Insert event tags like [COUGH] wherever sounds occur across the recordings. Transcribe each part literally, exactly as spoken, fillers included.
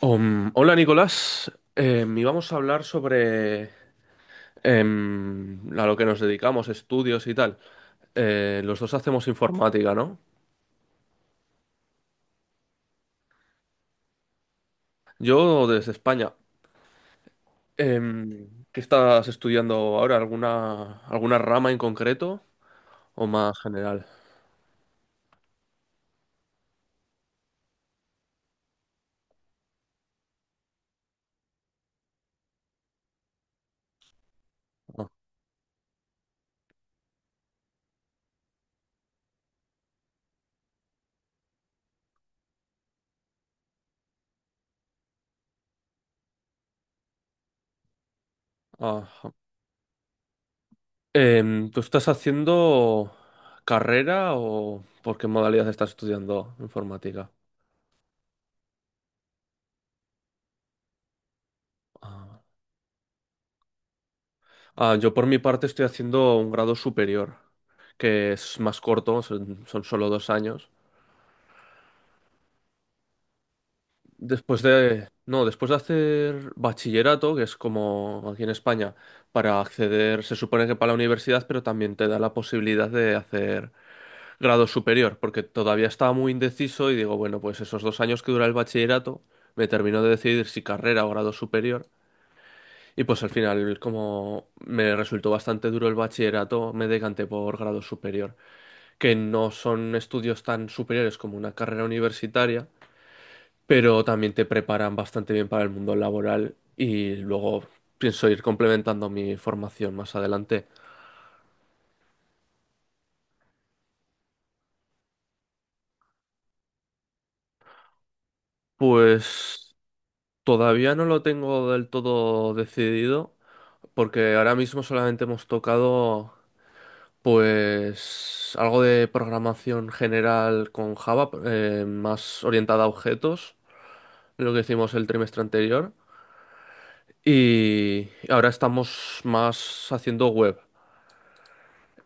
Um, hola Nicolás. Em, íbamos a hablar sobre em, a lo que nos dedicamos, estudios y tal. Eh, los dos hacemos informática, ¿no? Yo desde España. Em, ¿qué estás estudiando ahora? ¿Alguna, alguna rama en concreto o más general? Ah, ah, ah. Em, ¿tú estás haciendo carrera o por qué modalidad estás estudiando informática? Ah. Ah, yo por mi parte estoy haciendo un grado superior, que es más corto, son, son solo dos años. Después de, no, Después de hacer bachillerato, que es como aquí en España, para acceder, se supone que para la universidad, pero también te da la posibilidad de hacer grado superior, porque todavía estaba muy indeciso y digo, bueno, pues esos dos años que dura el bachillerato, me termino de decidir si carrera o grado superior. Y pues al final, como me resultó bastante duro el bachillerato, me decanté por grado superior, que no son estudios tan superiores como una carrera universitaria, pero también te preparan bastante bien para el mundo laboral y luego pienso ir complementando mi formación más adelante. Pues todavía no lo tengo del todo decidido porque ahora mismo solamente hemos tocado pues algo de programación general con Java, eh, más orientada a objetos, lo que hicimos el trimestre anterior. Y ahora estamos más haciendo web.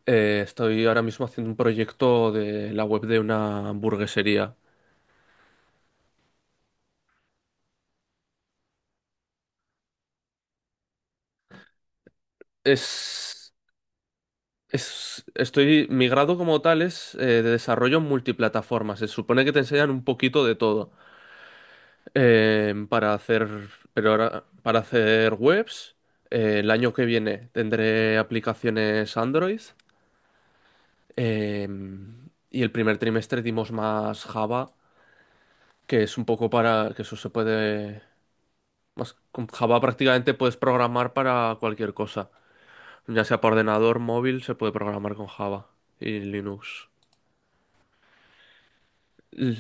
Eh, estoy ahora mismo haciendo un proyecto de la web de una hamburguesería. Es, es, Estoy, mi grado como tal es eh, de desarrollo en multiplataformas. Se supone que te enseñan un poquito de todo eh, para hacer, pero ahora para hacer webs. Eh, el año que viene tendré aplicaciones Android, eh, y el primer trimestre dimos más Java, que es un poco para que eso se puede, más con Java prácticamente puedes programar para cualquier cosa, ya sea para ordenador, móvil, se puede programar con Java y Linux. L-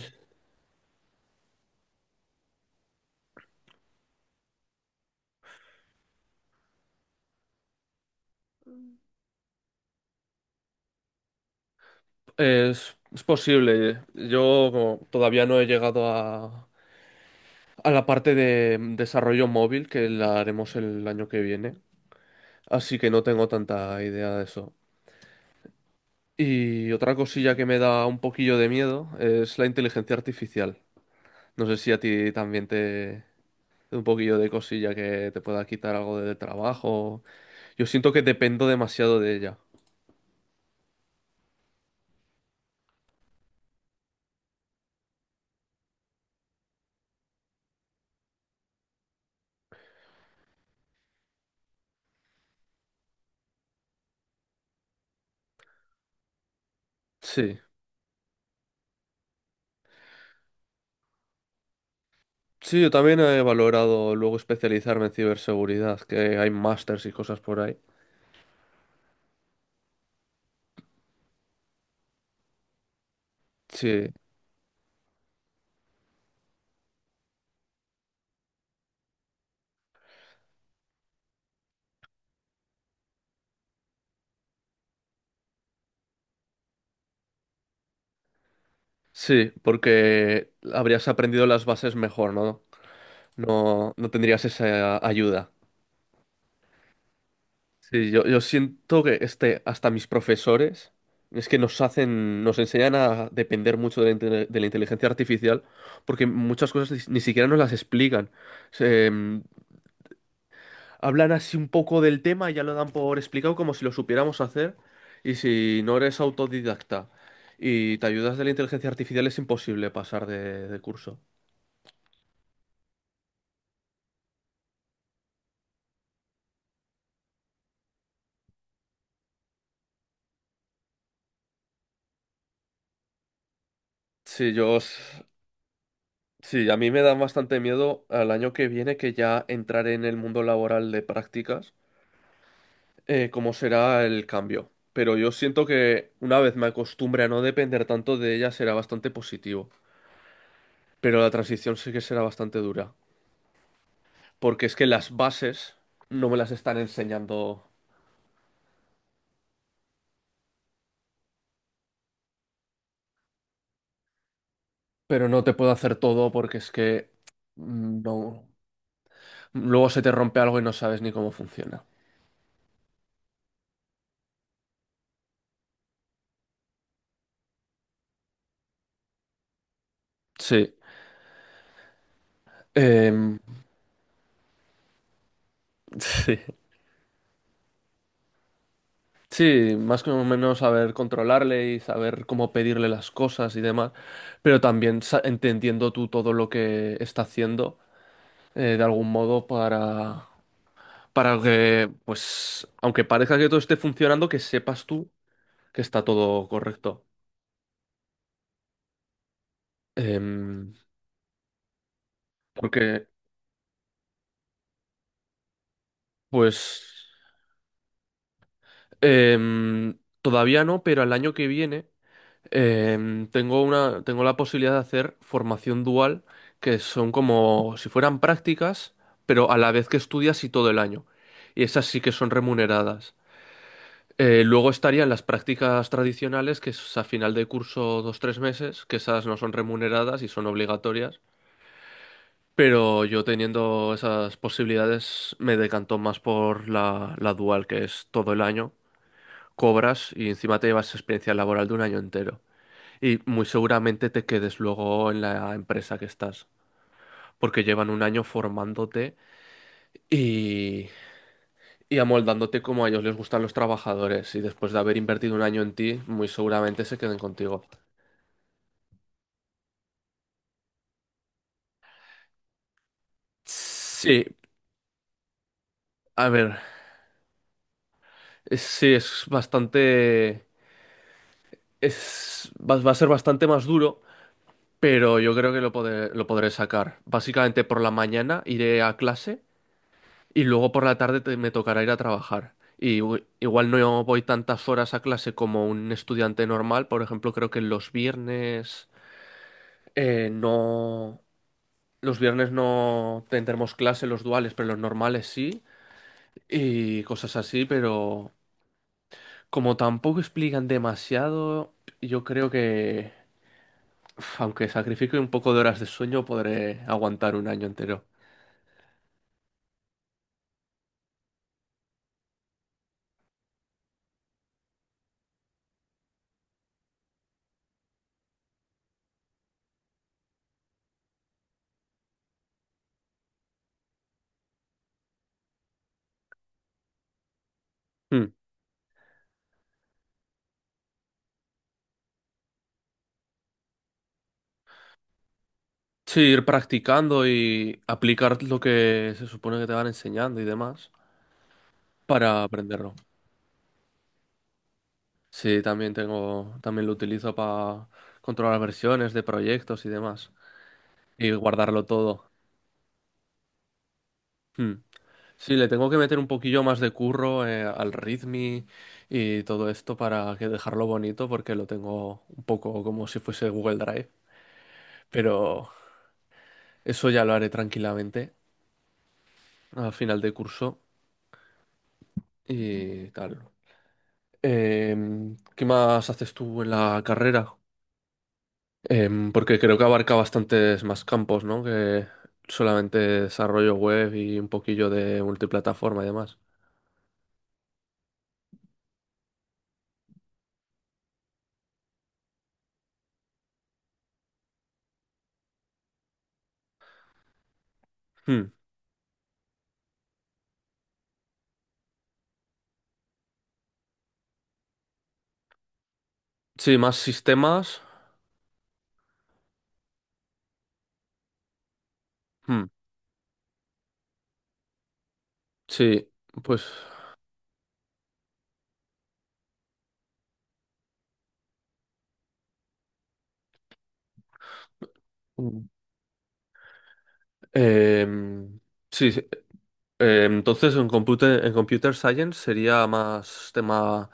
Es, es posible. Yo como todavía no he llegado a, a la parte de desarrollo móvil que la haremos el año que viene, así que no tengo tanta idea de eso. Y otra cosilla que me da un poquillo de miedo es la inteligencia artificial. No sé si a ti también te... Un poquillo de cosilla que te pueda quitar algo de trabajo. Yo siento que dependo demasiado de ella. Sí. Sí, yo también he valorado luego especializarme en ciberseguridad, que hay másters y cosas por ahí. Sí, sí, porque habrías aprendido las bases mejor, ¿no? No, no tendrías esa ayuda. Sí, yo, yo siento que este, hasta mis profesores es que nos hacen, nos enseñan a depender mucho de la, inte- de la inteligencia artificial porque muchas cosas ni, ni siquiera nos las explican. Se, mm, Hablan así un poco del tema y ya lo dan por explicado como si lo supiéramos hacer, y si no eres autodidacta y te ayudas de la inteligencia artificial es imposible pasar de, de curso. Sí, yo, s- sí, a mí me da bastante miedo al año que viene que ya entrar en el mundo laboral de prácticas. Eh, cómo será el cambio. Pero yo siento que una vez me acostumbre a no depender tanto de ella será bastante positivo. Pero la transición sí que será bastante dura. Porque es que las bases no me las están enseñando. Pero no te puedo hacer todo porque es que... mm, No. Luego se te rompe algo y no sabes ni cómo funciona. Sí. Em, [LAUGHS] sí. Sí, más o menos saber controlarle y saber cómo pedirle las cosas y demás, pero también sa- entendiendo tú todo lo que está haciendo eh, de algún modo para, para que, pues, aunque parezca que todo esté funcionando, que sepas tú que está todo correcto. Em, porque, pues, em, Todavía no, pero el año que viene, em, tengo una, tengo la posibilidad de hacer formación dual, que son como si fueran prácticas, pero a la vez que estudias y todo el año. Y esas sí que son remuneradas. Eh, luego estarían las prácticas tradicionales, que es a final de curso dos tres meses, que esas no son remuneradas y son obligatorias. Pero yo teniendo esas posibilidades me decanto más por la, la dual, que es todo el año, cobras y encima te llevas experiencia laboral de un año entero. Y muy seguramente te quedes luego en la empresa que estás, porque llevan un año formándote y, y amoldándote como a ellos les gustan los trabajadores. Y después de haber invertido un año en ti, muy seguramente se queden contigo. Sí, a ver, es- sí, es bastante, es, va, va a ser bastante más duro, pero yo creo que lo podré, lo podré sacar. Básicamente por la mañana iré a clase y luego por la tarde te- me tocará ir a trabajar. Y u- igual no voy tantas horas a clase como un estudiante normal, por ejemplo, creo que los viernes eh, no, los viernes no tendremos clase los duales, pero los normales sí y cosas así, pero... Como tampoco explican demasiado, yo creo que, uf, aunque sacrifique un poco de horas de sueño, podré aguantar un año entero. Hmm. Sí, ir practicando y aplicar lo que se supone que te van enseñando y demás para aprenderlo. Sí, también tengo, también lo utilizo para controlar versiones de proyectos y demás y guardarlo todo. Hmm. Sí, le tengo que meter un poquillo más de curro eh, al ritmi y todo esto para que dejarlo bonito porque lo tengo un poco como si fuese Google Drive, pero eso ya lo haré tranquilamente a final de curso y tal. Em, ¿qué más haces tú en la carrera? Em, porque creo que abarca bastantes más campos, ¿no? Que solamente desarrollo web y un poquillo de multiplataforma y demás. Hmm. Sí, más sistemas. Hmm. Sí, pues. Mm. Em, sí, sí. Eh, entonces en computer, en computer science sería más tema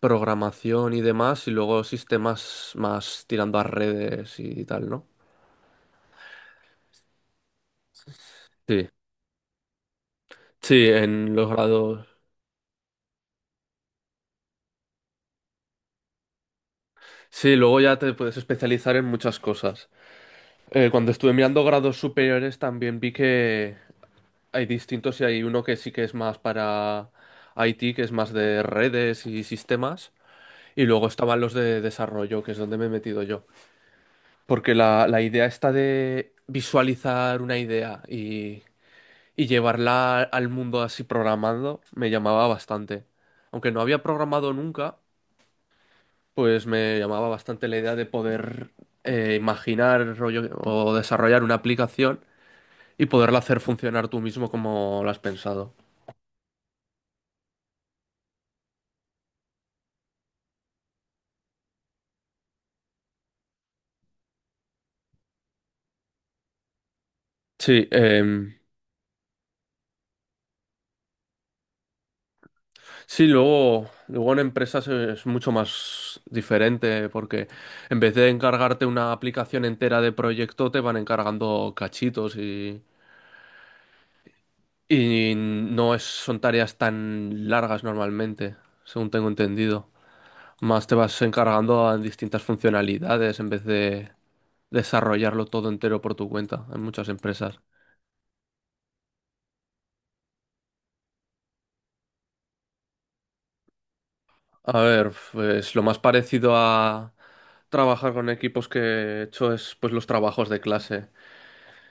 programación y demás, y luego sistemas más tirando a redes y tal, ¿no? Sí, sí, en los grados. Sí, luego ya te puedes especializar en muchas cosas. Eh, cuando estuve mirando grados superiores también vi que... Hay distintos y hay uno que sí que es más para I T, que es más de redes y sistemas. Y luego estaban los de desarrollo, que es donde me he metido yo. Porque la, la idea está de visualizar una idea y, y llevarla al mundo así programando, me llamaba bastante. Aunque no había programado nunca, pues me llamaba bastante la idea de poder eh, imaginar rollo, o desarrollar una aplicación y poderla hacer funcionar tú mismo como la has pensado. Sí, em. Sí, luego, luego en empresas es mucho más diferente porque en vez de encargarte una aplicación entera de proyecto, te van encargando cachitos y, y no es, son tareas tan largas normalmente, según tengo entendido. Más te vas encargando en distintas funcionalidades en vez de desarrollarlo todo entero por tu cuenta en muchas empresas. A ver, pues lo más parecido a trabajar con equipos que he hecho es pues los trabajos de clase,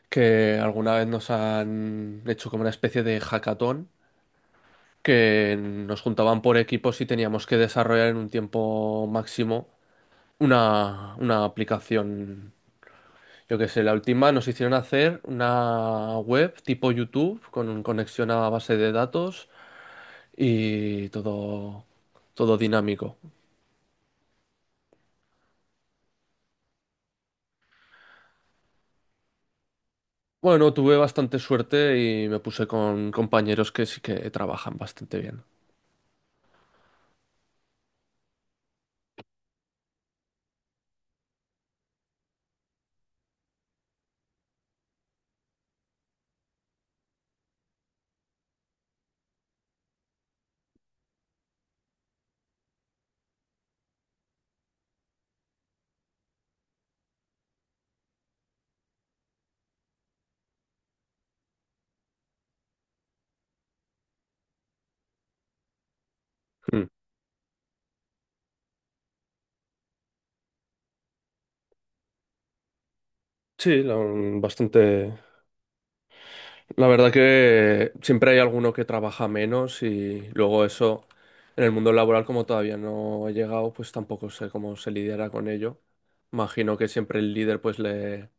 que alguna vez nos han hecho como una especie de hackathon, que nos juntaban por equipos y teníamos que desarrollar en un tiempo máximo una, una aplicación. Yo qué sé, la última nos hicieron hacer una web tipo YouTube con conexión a base de datos y todo, todo dinámico. Bueno, tuve bastante suerte y me puse con compañeros que sí que trabajan bastante bien. Mm. Sí, la- Bastante. La verdad que siempre hay alguno que trabaja menos y luego eso en el mundo laboral como todavía no he llegado, pues tampoco sé cómo se lidiará con ello. Imagino que siempre el líder pues le,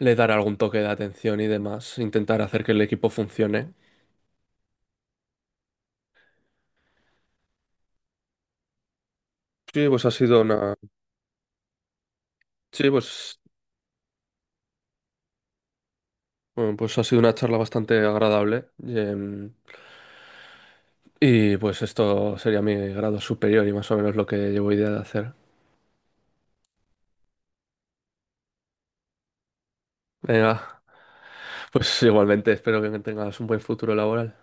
le dará algún toque de atención y demás, intentar hacer que el equipo funcione. Sí, pues ha sido una, sí, pues, Bueno, pues ha sido una charla bastante agradable. Y, em, y, pues esto sería mi grado superior y más o menos lo que llevo idea de hacer. Venga, pues igualmente espero que tengas un buen futuro laboral.